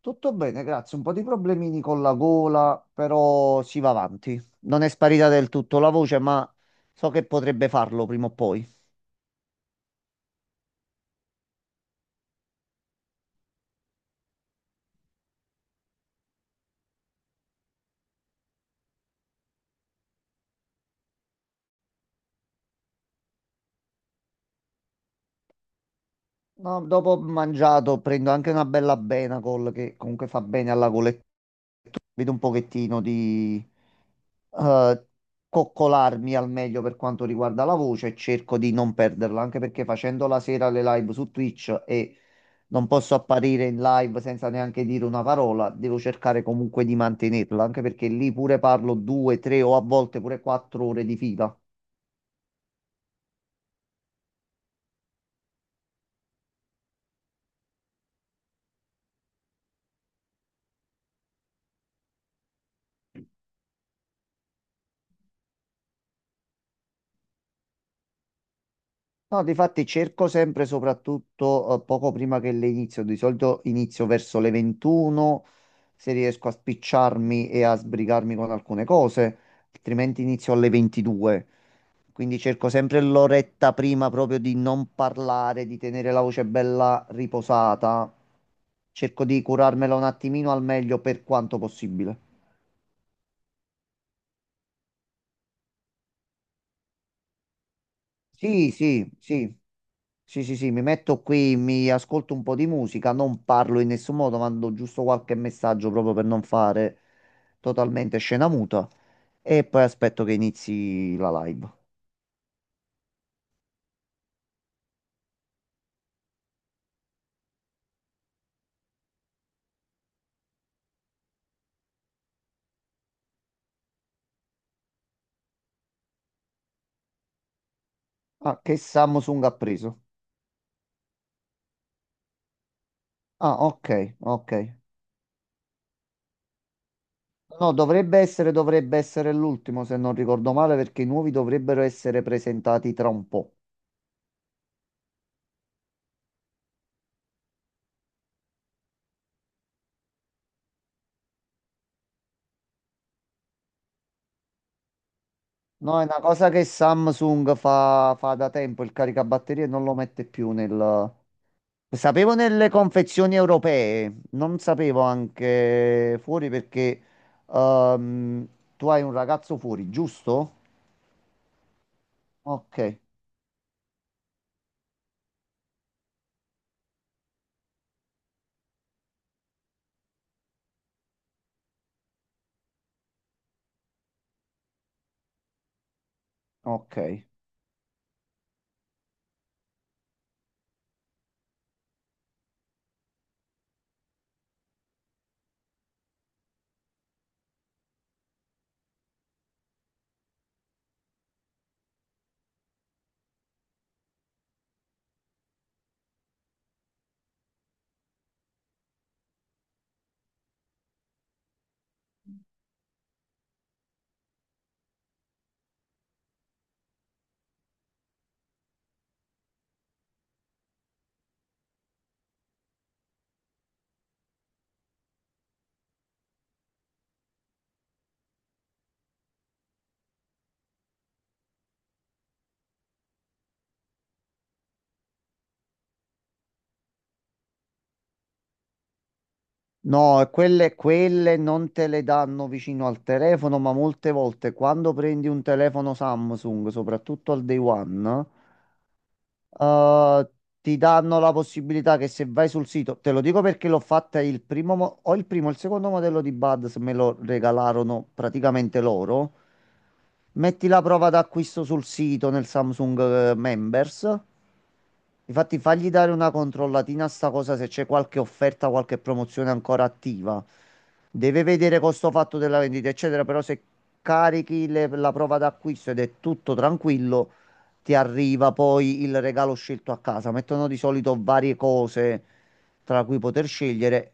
Tutto bene, grazie. Un po' di problemini con la gola, però si va avanti. Non è sparita del tutto la voce, ma so che potrebbe farlo prima o poi. No, dopo ho mangiato prendo anche una bella Benacol che comunque fa bene alla gola. E vedo un pochettino di eh, coccolarmi al meglio per quanto riguarda la voce e cerco di non perderla, anche perché facendo la sera le live su Twitch e non posso apparire in live senza neanche dire una parola, devo cercare comunque di mantenerla, anche perché lì pure parlo due, tre o a volte pure quattro ore di fila. No, difatti cerco sempre, soprattutto poco prima che le inizio, di solito inizio verso le 21, se riesco a spicciarmi e a sbrigarmi con alcune cose, altrimenti inizio alle 22. Quindi cerco sempre l'oretta prima proprio di non parlare, di tenere la voce bella riposata. Cerco di curarmela un attimino al meglio per quanto possibile. Sì, sì, sì. Sì, sì, sì, mi metto qui, mi ascolto un po' di musica, non parlo in nessun modo, mando giusto qualche messaggio proprio per non fare totalmente scena muta e poi aspetto che inizi la live. Ah, che Samsung ha preso? Ah, ok, ok. No, dovrebbe essere l'ultimo, se non ricordo male, perché i nuovi dovrebbero essere presentati tra un po'. No, è una cosa che Samsung fa, fa da tempo, il caricabatterie non lo mette più nel… Sapevo nelle confezioni europee, non sapevo anche fuori perché ehm, tu hai un ragazzo fuori, giusto? Ok, ok. No, quelle, quelle non te le danno vicino al telefono, ma molte volte quando prendi un telefono Samsung, soprattutto al day one, eh, ti danno la possibilità che se vai sul sito, te lo dico perché l'ho fatta il primo, o il primo, o il secondo modello di Buds me lo regalarono praticamente loro. Metti la prova d'acquisto sul sito nel Samsung Members. Infatti, fagli dare una controllatina a sta cosa se c'è qualche offerta, qualche promozione ancora attiva. Deve vedere costo fatto della vendita, eccetera. Però se carichi la prova d'acquisto ed è tutto tranquillo, ti arriva poi il regalo scelto a casa. Mettono di solito varie cose tra cui poter scegliere.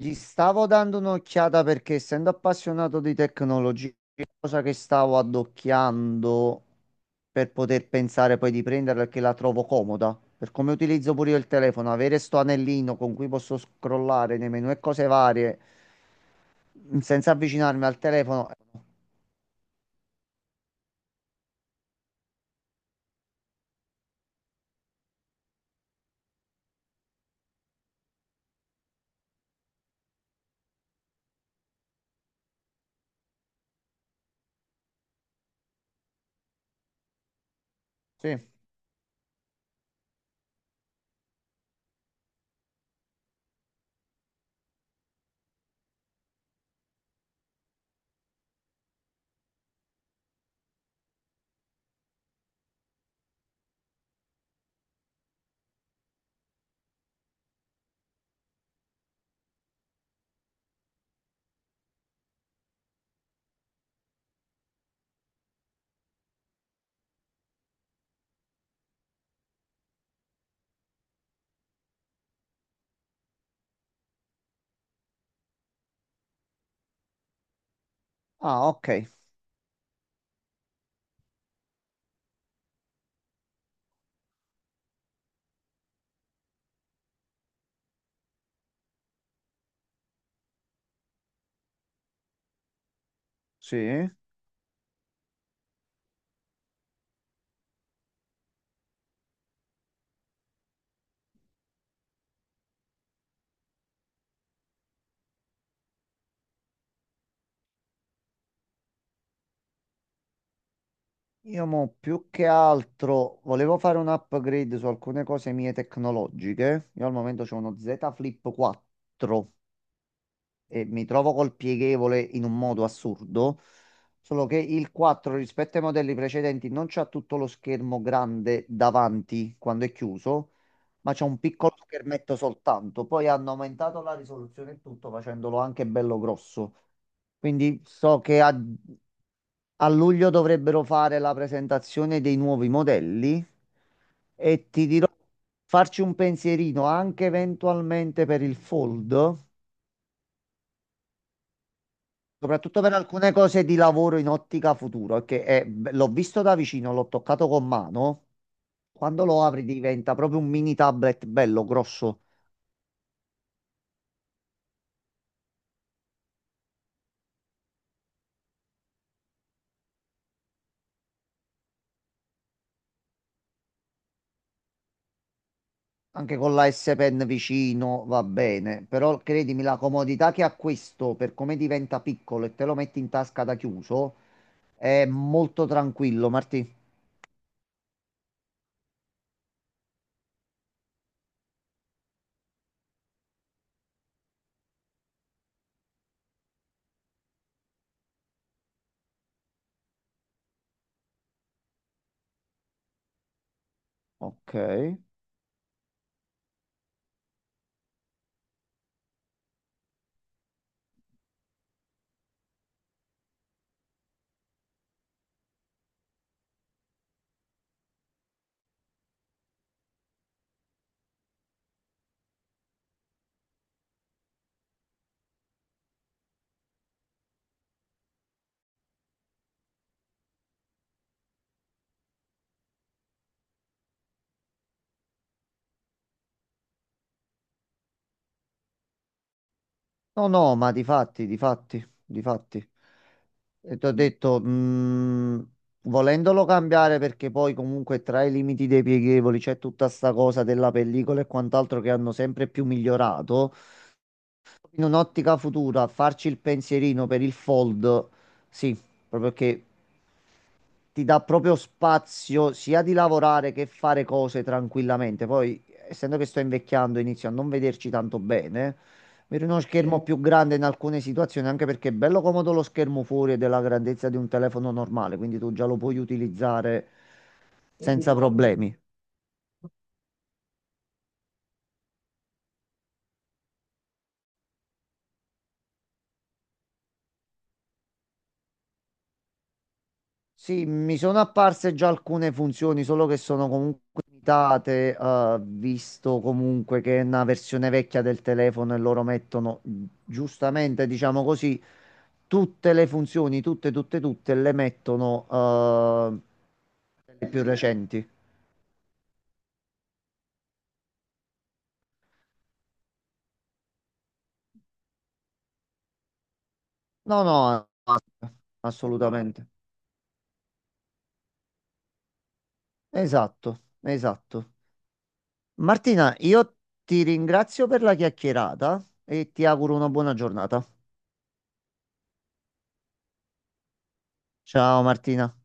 Gli stavo dando un'occhiata perché essendo appassionato di tecnologia, cosa che stavo addocchiando per poter pensare poi di prenderla perché la trovo comoda. Per come utilizzo pure io il telefono, avere sto anellino con cui posso scrollare nei menu e cose varie senza avvicinarmi al telefono. Sì. Ah, ok. Sì. Io mo più che altro volevo fare un upgrade su alcune cose mie tecnologiche. Io al momento ho uno Z Flip 4 e mi trovo col pieghevole in un modo assurdo. Solo che il 4 rispetto ai modelli precedenti non c'ha tutto lo schermo grande davanti quando è chiuso, ma c'è un piccolo schermetto soltanto. Poi hanno aumentato la risoluzione e tutto facendolo anche bello grosso. Quindi so che a luglio dovrebbero fare la presentazione dei nuovi modelli e ti dirò farci un pensierino anche eventualmente per il Fold, soprattutto per alcune cose di lavoro in ottica futuro, l'ho visto da vicino, l'ho toccato con mano. Quando lo apri diventa proprio un mini tablet bello grosso. Anche con la S Pen vicino va bene, però credimi, la comodità che ha questo per come diventa piccolo e te lo metti in tasca da chiuso è molto tranquillo, Martì. Ok. No, no, ma di fatti, di fatti, di fatti. E ti ho detto, volendolo cambiare perché poi comunque tra i limiti dei pieghevoli c'è tutta sta cosa della pellicola e quant'altro che hanno sempre più migliorato. In un'ottica futura, farci il pensierino per il fold, sì, proprio che ti dà proprio spazio sia di lavorare che fare cose tranquillamente. Poi, essendo che sto invecchiando, inizio a non vederci tanto bene. Vedo uno schermo. Sì. Più grande in alcune situazioni, anche perché è bello comodo lo schermo fuori è della grandezza di un telefono normale, quindi tu già lo puoi utilizzare senza problemi. Sì, mi sono apparse già alcune funzioni, solo che sono comunque limitate, visto comunque che è una versione vecchia del telefono e loro mettono, giustamente, diciamo così, tutte le funzioni, tutte, tutte, tutte, le mettono, le più recenti. No, no, assolutamente. Esatto, esatto. Martina, io ti ringrazio per la chiacchierata e ti auguro una buona giornata. Ciao Martina.